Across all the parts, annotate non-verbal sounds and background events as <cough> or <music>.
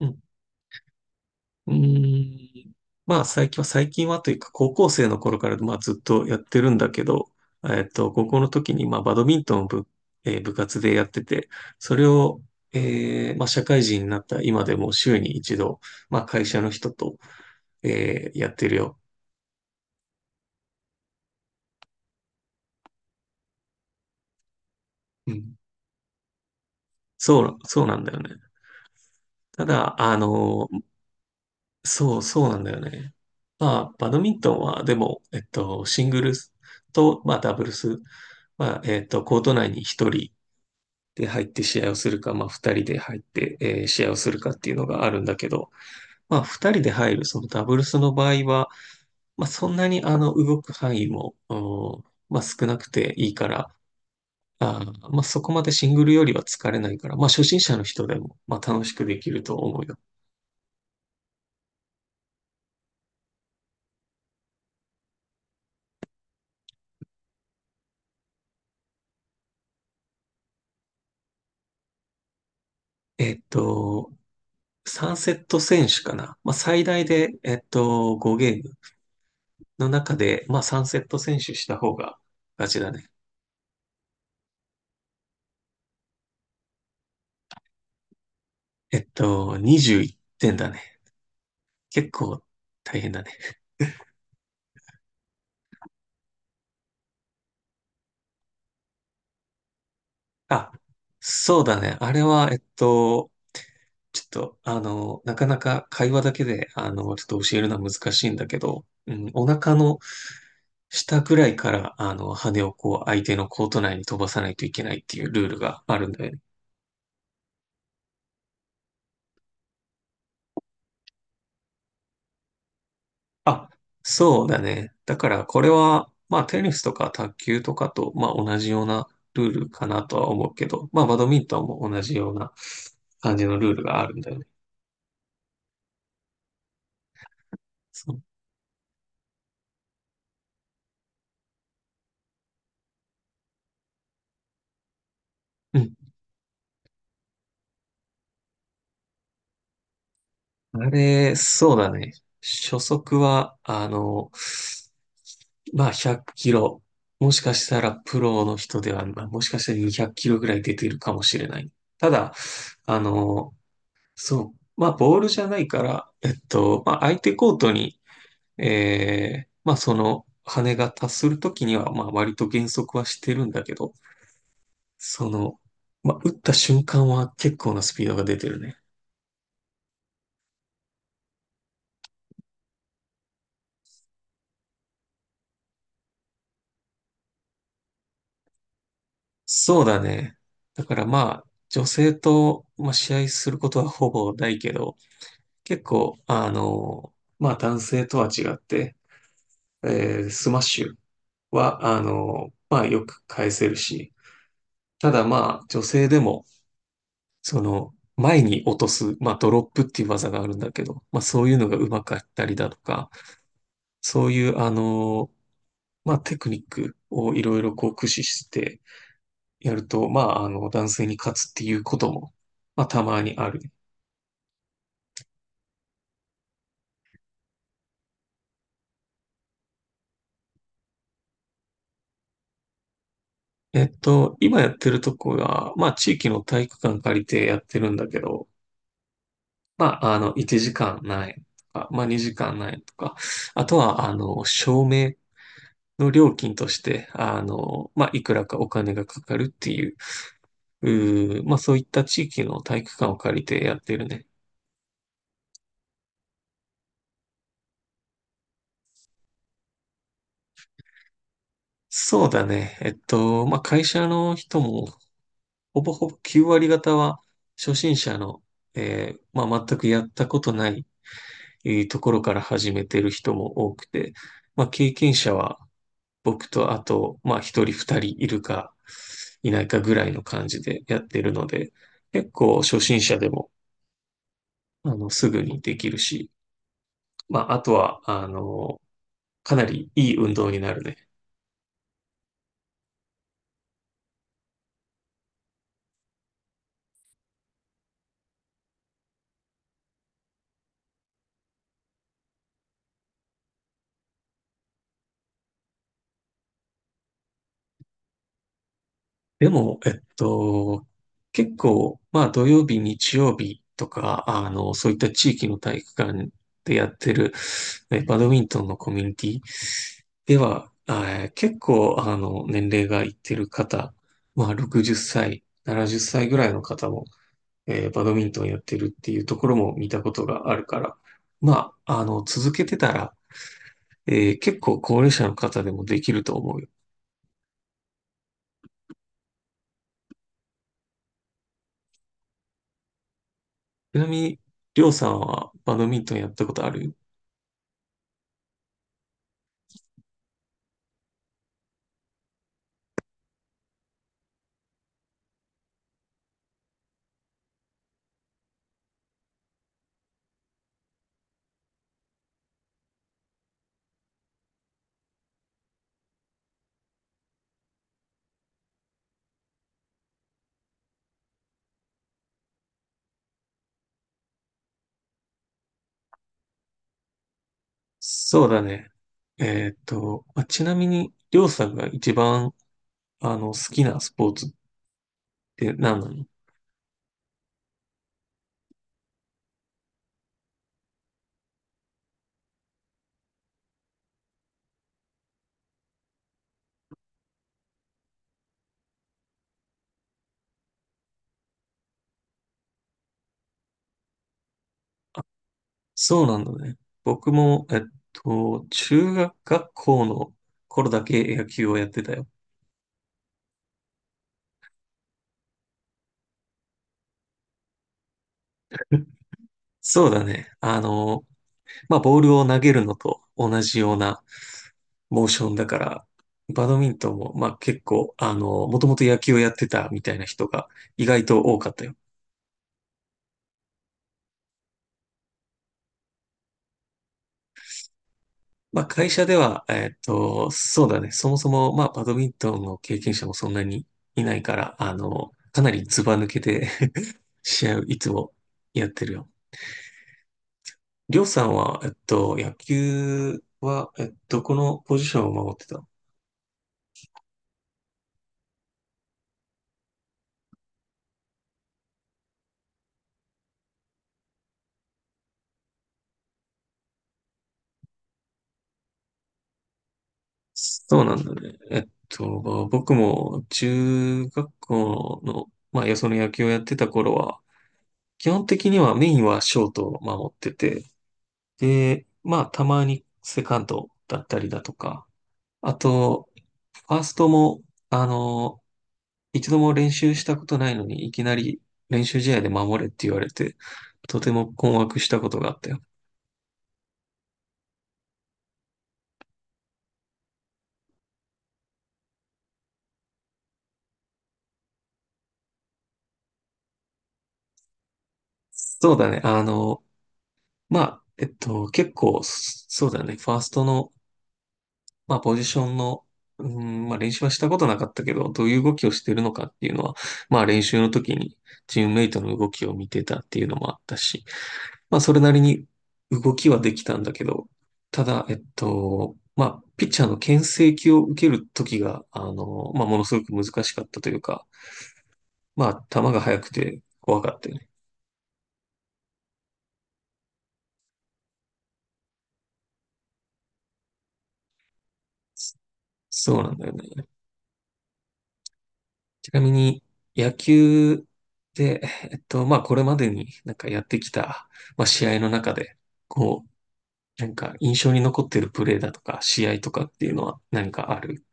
うん。うーん。まあ、最近は、最近はというか、高校生の頃から、まあ、ずっとやってるんだけど、高校の時に、まあ、バドミントンを部、えー部活でやってて、それを、まあ、社会人になった今でも週に一度、まあ、会社の人と、やってるよ。うん。そう、そうなんだよね。ただ、そう、そうなんだよね。まあ、バドミントンは、でも、シングルスと、まあ、ダブルス、まあ、コート内に一人、で入って試合をするか、まあ二人で入って、試合をするかっていうのがあるんだけど、まあ二人で入るそのダブルスの場合は、まあそんなに動く範囲も、まあ少なくていいから、あまあそこまでシングルよりは疲れないから、まあ初心者の人でも、まあ楽しくできると思うよ。えっと、3セット選手かな。まあ最大で、5ゲームの中で、まあ3セット選手した方が勝ちだね。21点だね。結構大変だね。あ、そうだね。あれは、ちょっと、なかなか会話だけで、ちょっと教えるのは難しいんだけど、うん、お腹の下ぐらいから、羽をこう、相手のコート内に飛ばさないといけないっていうルールがあるんだよね。あ、そうだね。だから、これは、まあ、テニスとか卓球とかと、まあ、同じようなルールかなとは思うけど、まあ、バドミントンも同じような感じのルールがあるんだよね。そう。うん。あれ、そうだね。初速は、まあ100キロ。もしかしたらプロの人では、まあ、もしかしたら200キロぐらい出てるかもしれない。ただ、あの、そう、まあボールじゃないから、まあ相手コートに、まあその羽が達するときには、まあ割と減速はしてるんだけど、その、まあ打った瞬間は結構なスピードが出てるね。そうだね。だからまあ、女性と、まあ、試合することはほぼないけど、結構、まあ男性とは違って、スマッシュは、まあよく返せるし、ただまあ女性でも、その、前に落とす、まあドロップっていう技があるんだけど、まあそういうのが上手かったりだとか、そういう、まあテクニックをいろいろこう駆使してやると、まああの男性に勝つっていうことも、まあ、たまにあるね。今やってるとこが、まあ、地域の体育館借りてやってるんだけど、まあ、1時間何円とか、まあ、2時間何円とか、あとは、照明の料金として、まあ、いくらかお金がかかるっていう、まあ、そういった地域の体育館を借りてやってるね。そうだね。まあ、会社の人も、ほぼほぼ9割方は、初心者の、まあ、全くやったことないいうところから始めてる人も多くて、まあ、経験者は僕とあと、まあ、一人二人いるかいないかぐらいの感じでやってるので、結構初心者でも、すぐにできるし、まあ、あとは、かなりいい運動になるね。でも、結構、まあ土曜日、日曜日とか、そういった地域の体育館でやってる、バドミントンのコミュニティでは、結構、年齢がいってる方、まあ60歳、70歳ぐらいの方も、バドミントンやってるっていうところも見たことがあるから、まあ、続けてたら、結構高齢者の方でもできると思うよ。ちなみに、りょうさんはバドミントンやったことある？そうだね。まあちなみに、りょうさんが一番、好きなスポーツって何なの？そうなんだね。僕も、中学学校の頃だけ野球をやってたよ。そうだね。まあ、ボールを投げるのと同じようなモーションだから、バドミントンも、まあ、結構、もともと野球をやってたみたいな人が意外と多かったよ。まあ会社では、そうだね。そもそも、まあバドミントンの経験者もそんなにいないから、かなりズバ抜けて <laughs> 試合をいつもやってるよ。りょうさんは、野球は、このポジションを守ってたの？そうなんだね。まあ僕も中学校の、まあ、よその野球をやってた頃は、基本的にはメインはショートを守ってて、で、まあ、たまにセカンドだったりだとか、あと、ファーストも、あの、一度も練習したことないのに、いきなり練習試合で守れって言われて、とても困惑したことがあったよ。そうだね。まあ、結構、そそうだね。ファーストのまあ、ポジションの、うん、まあ、練習はしたことなかったけど、どういう動きをしてるのかっていうのは、まあ、練習の時にチームメイトの動きを見てたっていうのもあったし、まあ、それなりに動きはできたんだけど、ただ、まあ、ピッチャーの牽制球を受ける時が、まあ、ものすごく難しかったというか、まあ、球が速くて怖かったよね。そうなんだよね。ちなみに、野球で、まあ、これまでになんかやってきた、まあ、試合の中で、こう、なんか印象に残ってるプレーだとか、試合とかっていうのは何かある？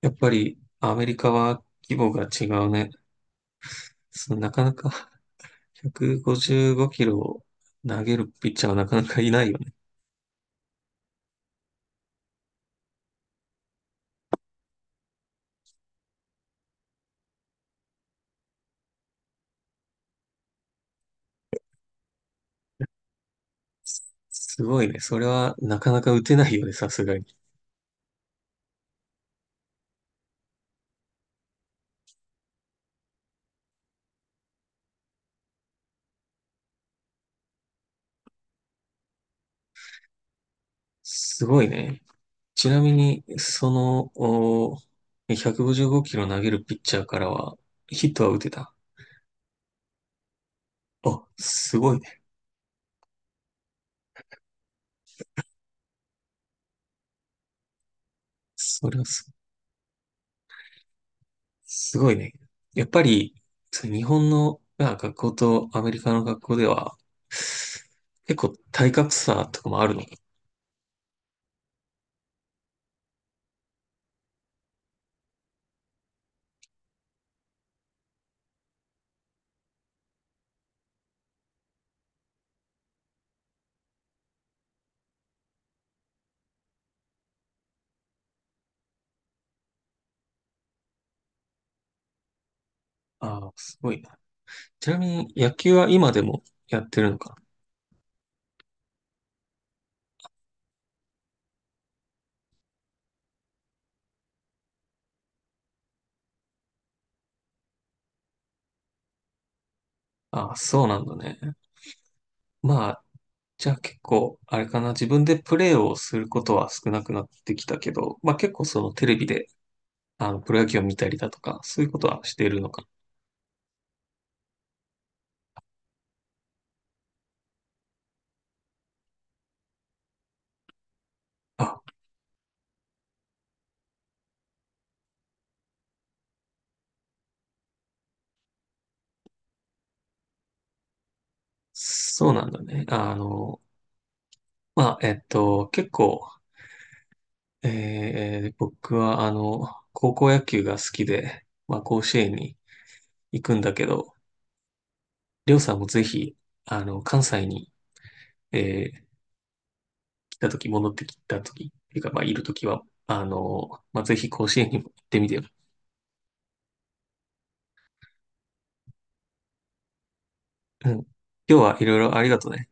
やっぱり、アメリカは規模が違うね。そのなかなか155キロを投げるピッチャーはなかなかいないよね。すごいね。それはなかなか打てないよね、さすがに。すごいね。ちなみに、その、155キロ投げるピッチャーからは、ヒットは打てた？あ、すごいね。それはすごいね。やっぱり、そう日本の、まあ、学校とアメリカの学校では、結構体格差とかもあるのか？ああ、すごいな。ちなみに野球は今でもやってるのか？ああ、そうなんだね。まあ、じゃあ結構、あれかな、自分でプレーをすることは少なくなってきたけど、まあ結構そのテレビでプロ野球を見たりだとか、そういうことはしているのか？あ、そうなんだね。まあ、結構、僕は、高校野球が好きで、まあ、甲子園に行くんだけど、りょうさんもぜひ、関西に、えー来た時戻ってきた時っていうか、まあ、いる時は、まあ、ぜひ甲子園にも行ってみてよ。うん。今日はいろいろありがとね。